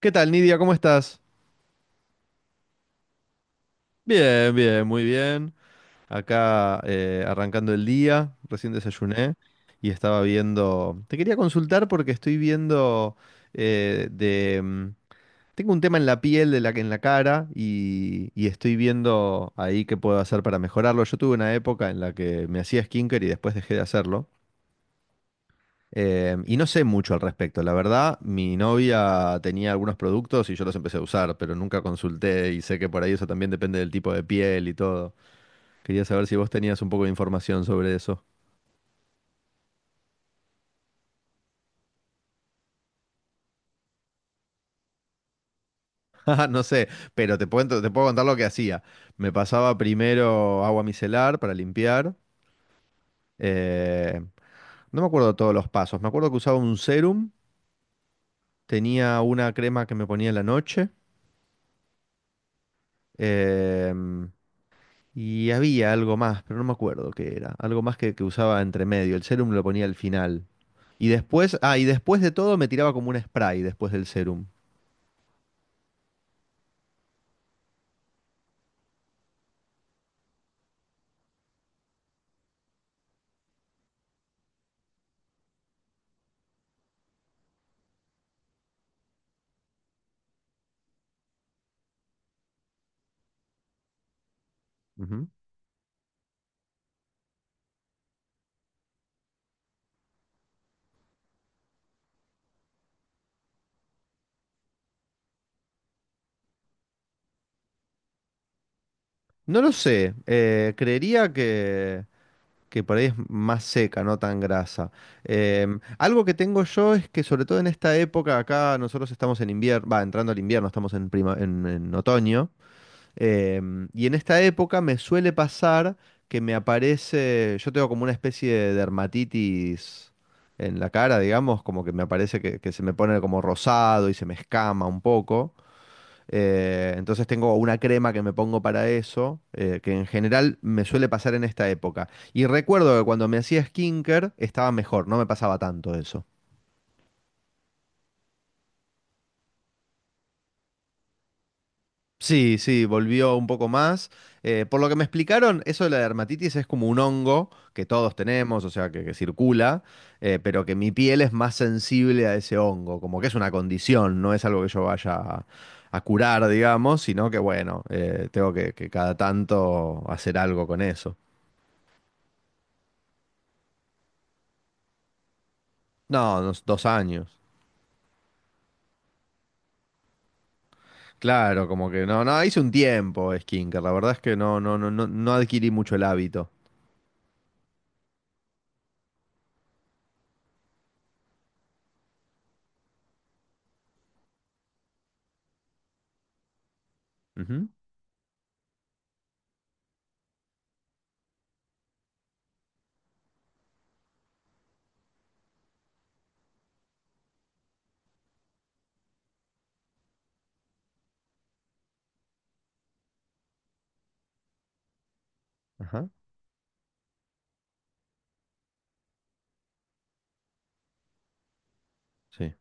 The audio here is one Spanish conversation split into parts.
¿Qué tal, Nidia? ¿Cómo estás? Bien, bien, muy bien. Acá arrancando el día, recién desayuné y estaba viendo. Te quería consultar porque estoy viendo. eh, de... mm, Tengo un tema en la piel, en la cara y estoy viendo ahí qué puedo hacer para mejorarlo. Yo tuve una época en la que me hacía skincare y después dejé de hacerlo. Y no sé mucho al respecto. La verdad, mi novia tenía algunos productos y yo los empecé a usar, pero nunca consulté y sé que por ahí eso también depende del tipo de piel y todo. Quería saber si vos tenías un poco de información sobre eso. Ajá, no sé, pero te puedo contar lo que hacía. Me pasaba primero agua micelar para limpiar. eh, no me acuerdo todos los pasos. Me acuerdo que usaba un serum, tenía una crema que me ponía en la noche. em, Y había algo más, pero no me acuerdo qué era. Algo más que usaba entre medio. El serum lo ponía al final. Y después de todo me tiraba como un spray después del serum. Ujú. No lo sé. Creería que por ahí es más seca, no tan grasa. Algo que tengo yo es que sobre todo en esta época acá nosotros estamos en invierno, va, entrando al invierno, estamos en otoño. Y en esta época me suele pasar yo tengo como una especie de dermatitis en la cara, digamos, como que me aparece que se me pone como rosado y se me escama un poco. Entonces tengo una crema que me pongo para eso, que en general me suele pasar en esta época. Y recuerdo que cuando me hacía skincare estaba mejor, no me pasaba tanto eso. Sí, sí, volvió un poco más. Por lo que me explicaron, eso de la dermatitis es como un hongo que todos tenemos, o sea, que circula, pero que mi piel es más sensible a ese hongo, como que es una condición, no es algo que yo vaya a curar, digamos, sino que bueno, tengo que cada tanto hacer algo con eso. No, unos 2 años. Claro, como que no, no, hice un tiempo skincare, la verdad es que no, no, no, no, no adquirí mucho el hábito. Ujú, Ajá, sí.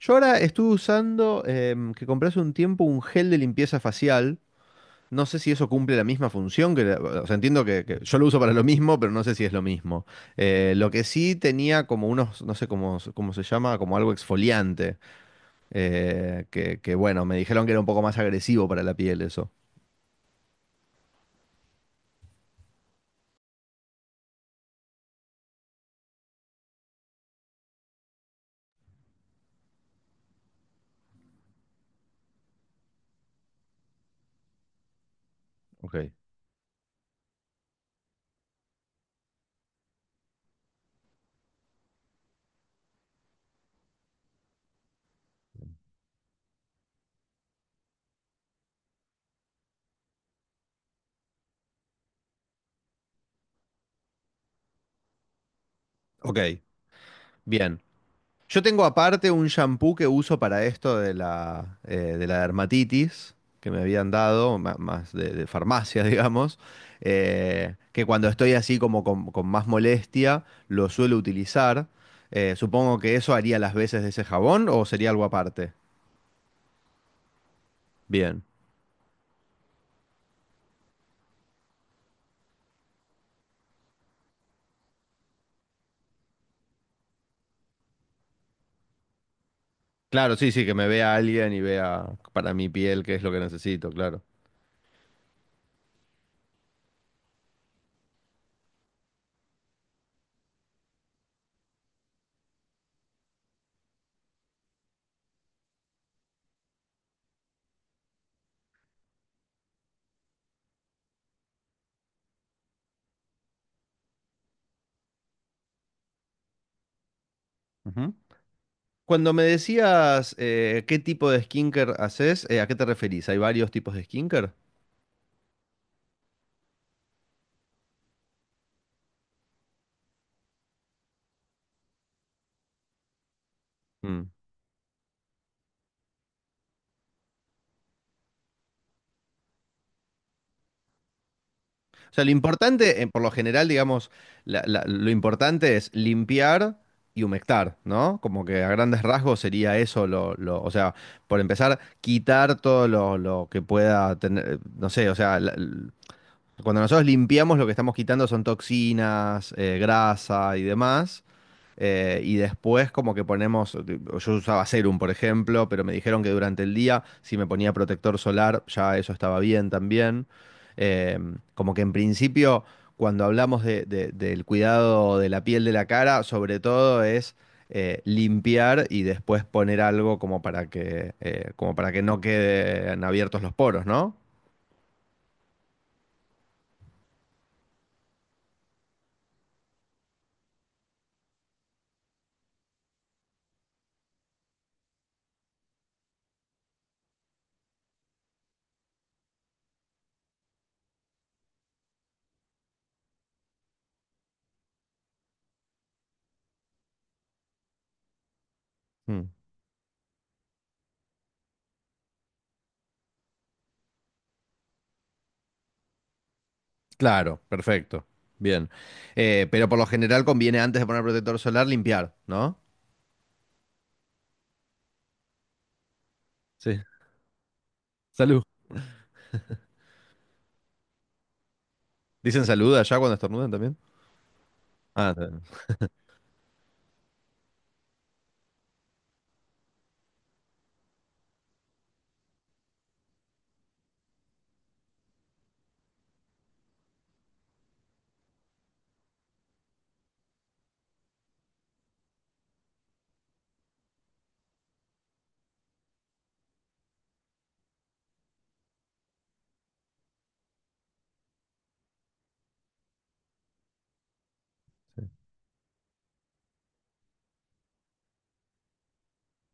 Yo ahora estuve usando que compré hace un tiempo un gel de limpieza facial. No sé si eso cumple la misma función, que o sea, entiendo que yo lo uso para lo mismo, pero no sé si es lo mismo. Lo que sí tenía como unos, no sé cómo, cómo se llama, como algo exfoliante, que bueno, me dijeron que era un poco más agresivo para la piel eso. Ok. Ok, bien. Yo tengo aparte un shampoo que uso para esto de la dermatitis que me habían dado, más de farmacia, digamos, que cuando estoy así como con más molestia lo suelo utilizar. Supongo que eso haría las veces de ese jabón o sería algo aparte. Bien. Claro, sí, sí, que me vea alguien y vea para mi piel qué es lo que necesito, claro. Ujú. Cuando me decías qué tipo de skinker haces, ¿a qué te referís? ¿Hay varios tipos de skinker? O sea, lo importante, por lo general, digamos, lo importante es limpiar y humectar, ¿no? Como que a grandes rasgos sería eso, o sea, por empezar, quitar todo lo que pueda tener, no sé, o sea, cuando nosotros limpiamos, lo que estamos quitando son toxinas, grasa y demás. Y después como que ponemos, yo usaba serum, por ejemplo, pero me dijeron que durante el día, si me ponía protector solar, ya eso estaba bien también. Eh, como que en principio, cuando hablamos del cuidado de la piel de la cara, sobre todo es limpiar y después poner algo como para que no queden abiertos los poros, ¿no? Mm. Claro, perfecto. Bien. Pero por lo general conviene antes de poner protector solar limpiar, ¿no? Sí. Salud. ¿Dicen salud allá cuando estornudan también? Ah,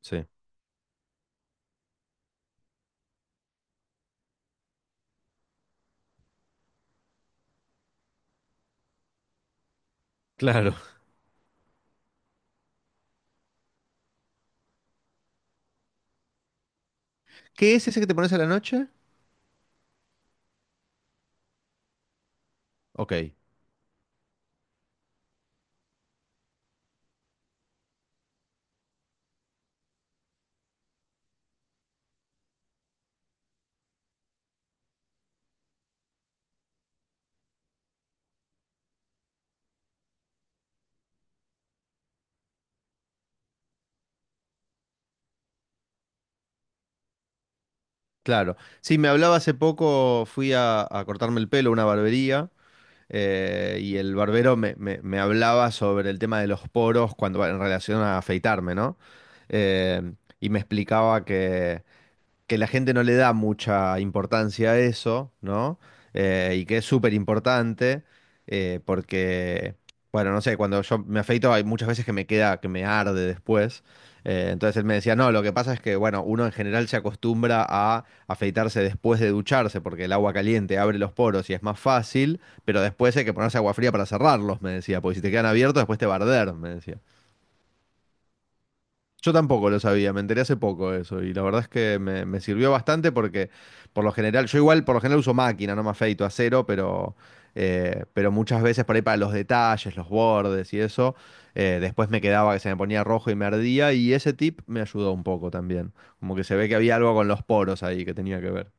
sí. Claro. ¿Qué es ese que te pones a la noche? Ok, claro. Sí, me hablaba hace poco, fui a cortarme el pelo a una barbería y el barbero me hablaba sobre el tema de los poros cuando en relación a afeitarme, ¿no? Eh, y me explicaba que la gente no le da mucha importancia a eso, ¿no? Y que es súper importante, porque, bueno, no sé, cuando yo me afeito hay muchas veces que me arde después. Entonces él me decía, no, lo que pasa es que, bueno, uno en general se acostumbra a afeitarse después de ducharse, porque el agua caliente abre los poros y es más fácil, pero después hay que ponerse agua fría para cerrarlos, me decía, porque si te quedan abiertos después te va a arder, me decía. Yo tampoco lo sabía, me enteré hace poco de eso y la verdad es que me sirvió bastante porque por lo general, yo igual por lo general uso máquina, no me afeito a cero, pero muchas veces por ahí para los detalles, los bordes y eso, después me quedaba que se me ponía rojo y me ardía y ese tip me ayudó un poco también, como que se ve que había algo con los poros ahí que tenía que ver.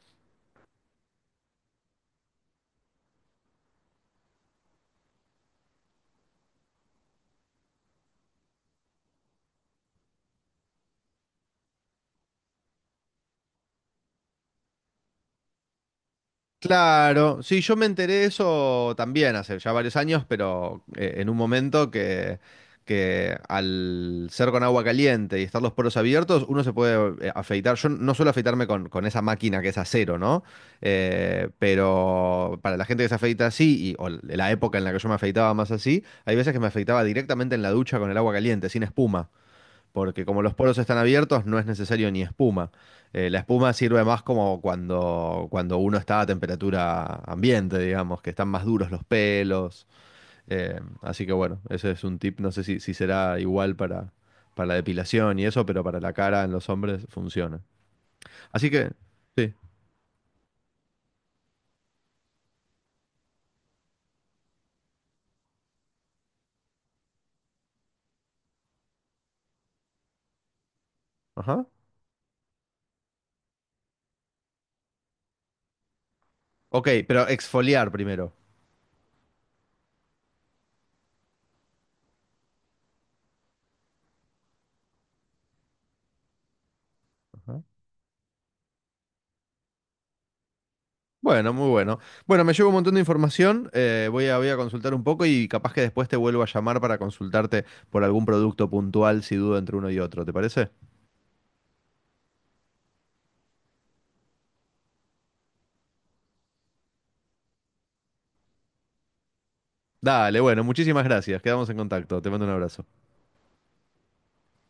Claro, sí, yo me enteré de eso también hace ya varios años, pero en un momento que, al ser con agua caliente y estar los poros abiertos, uno se puede afeitar. Yo no suelo afeitarme con esa máquina que es acero, ¿no? Pero para la gente que se afeita así, o la época en la que yo me afeitaba más así, hay veces que me afeitaba directamente en la ducha con el agua caliente, sin espuma porque como los poros están abiertos, no es necesario ni espuma. La espuma sirve más como cuando uno está a temperatura ambiente, digamos, que están más duros los pelos. Así que bueno, ese es un tip. No sé si será igual para la depilación y eso, pero para la cara en los hombres funciona. Así que, sí. Ajá. Ok, pero exfoliar primero. Ajá. Bueno, muy bueno. Bueno, me llevo un montón de información, voy a consultar un poco y capaz que después te vuelvo a llamar para consultarte por algún producto puntual si dudo entre uno y otro, ¿te parece? Dale, bueno, muchísimas gracias, quedamos en contacto, te mando un abrazo.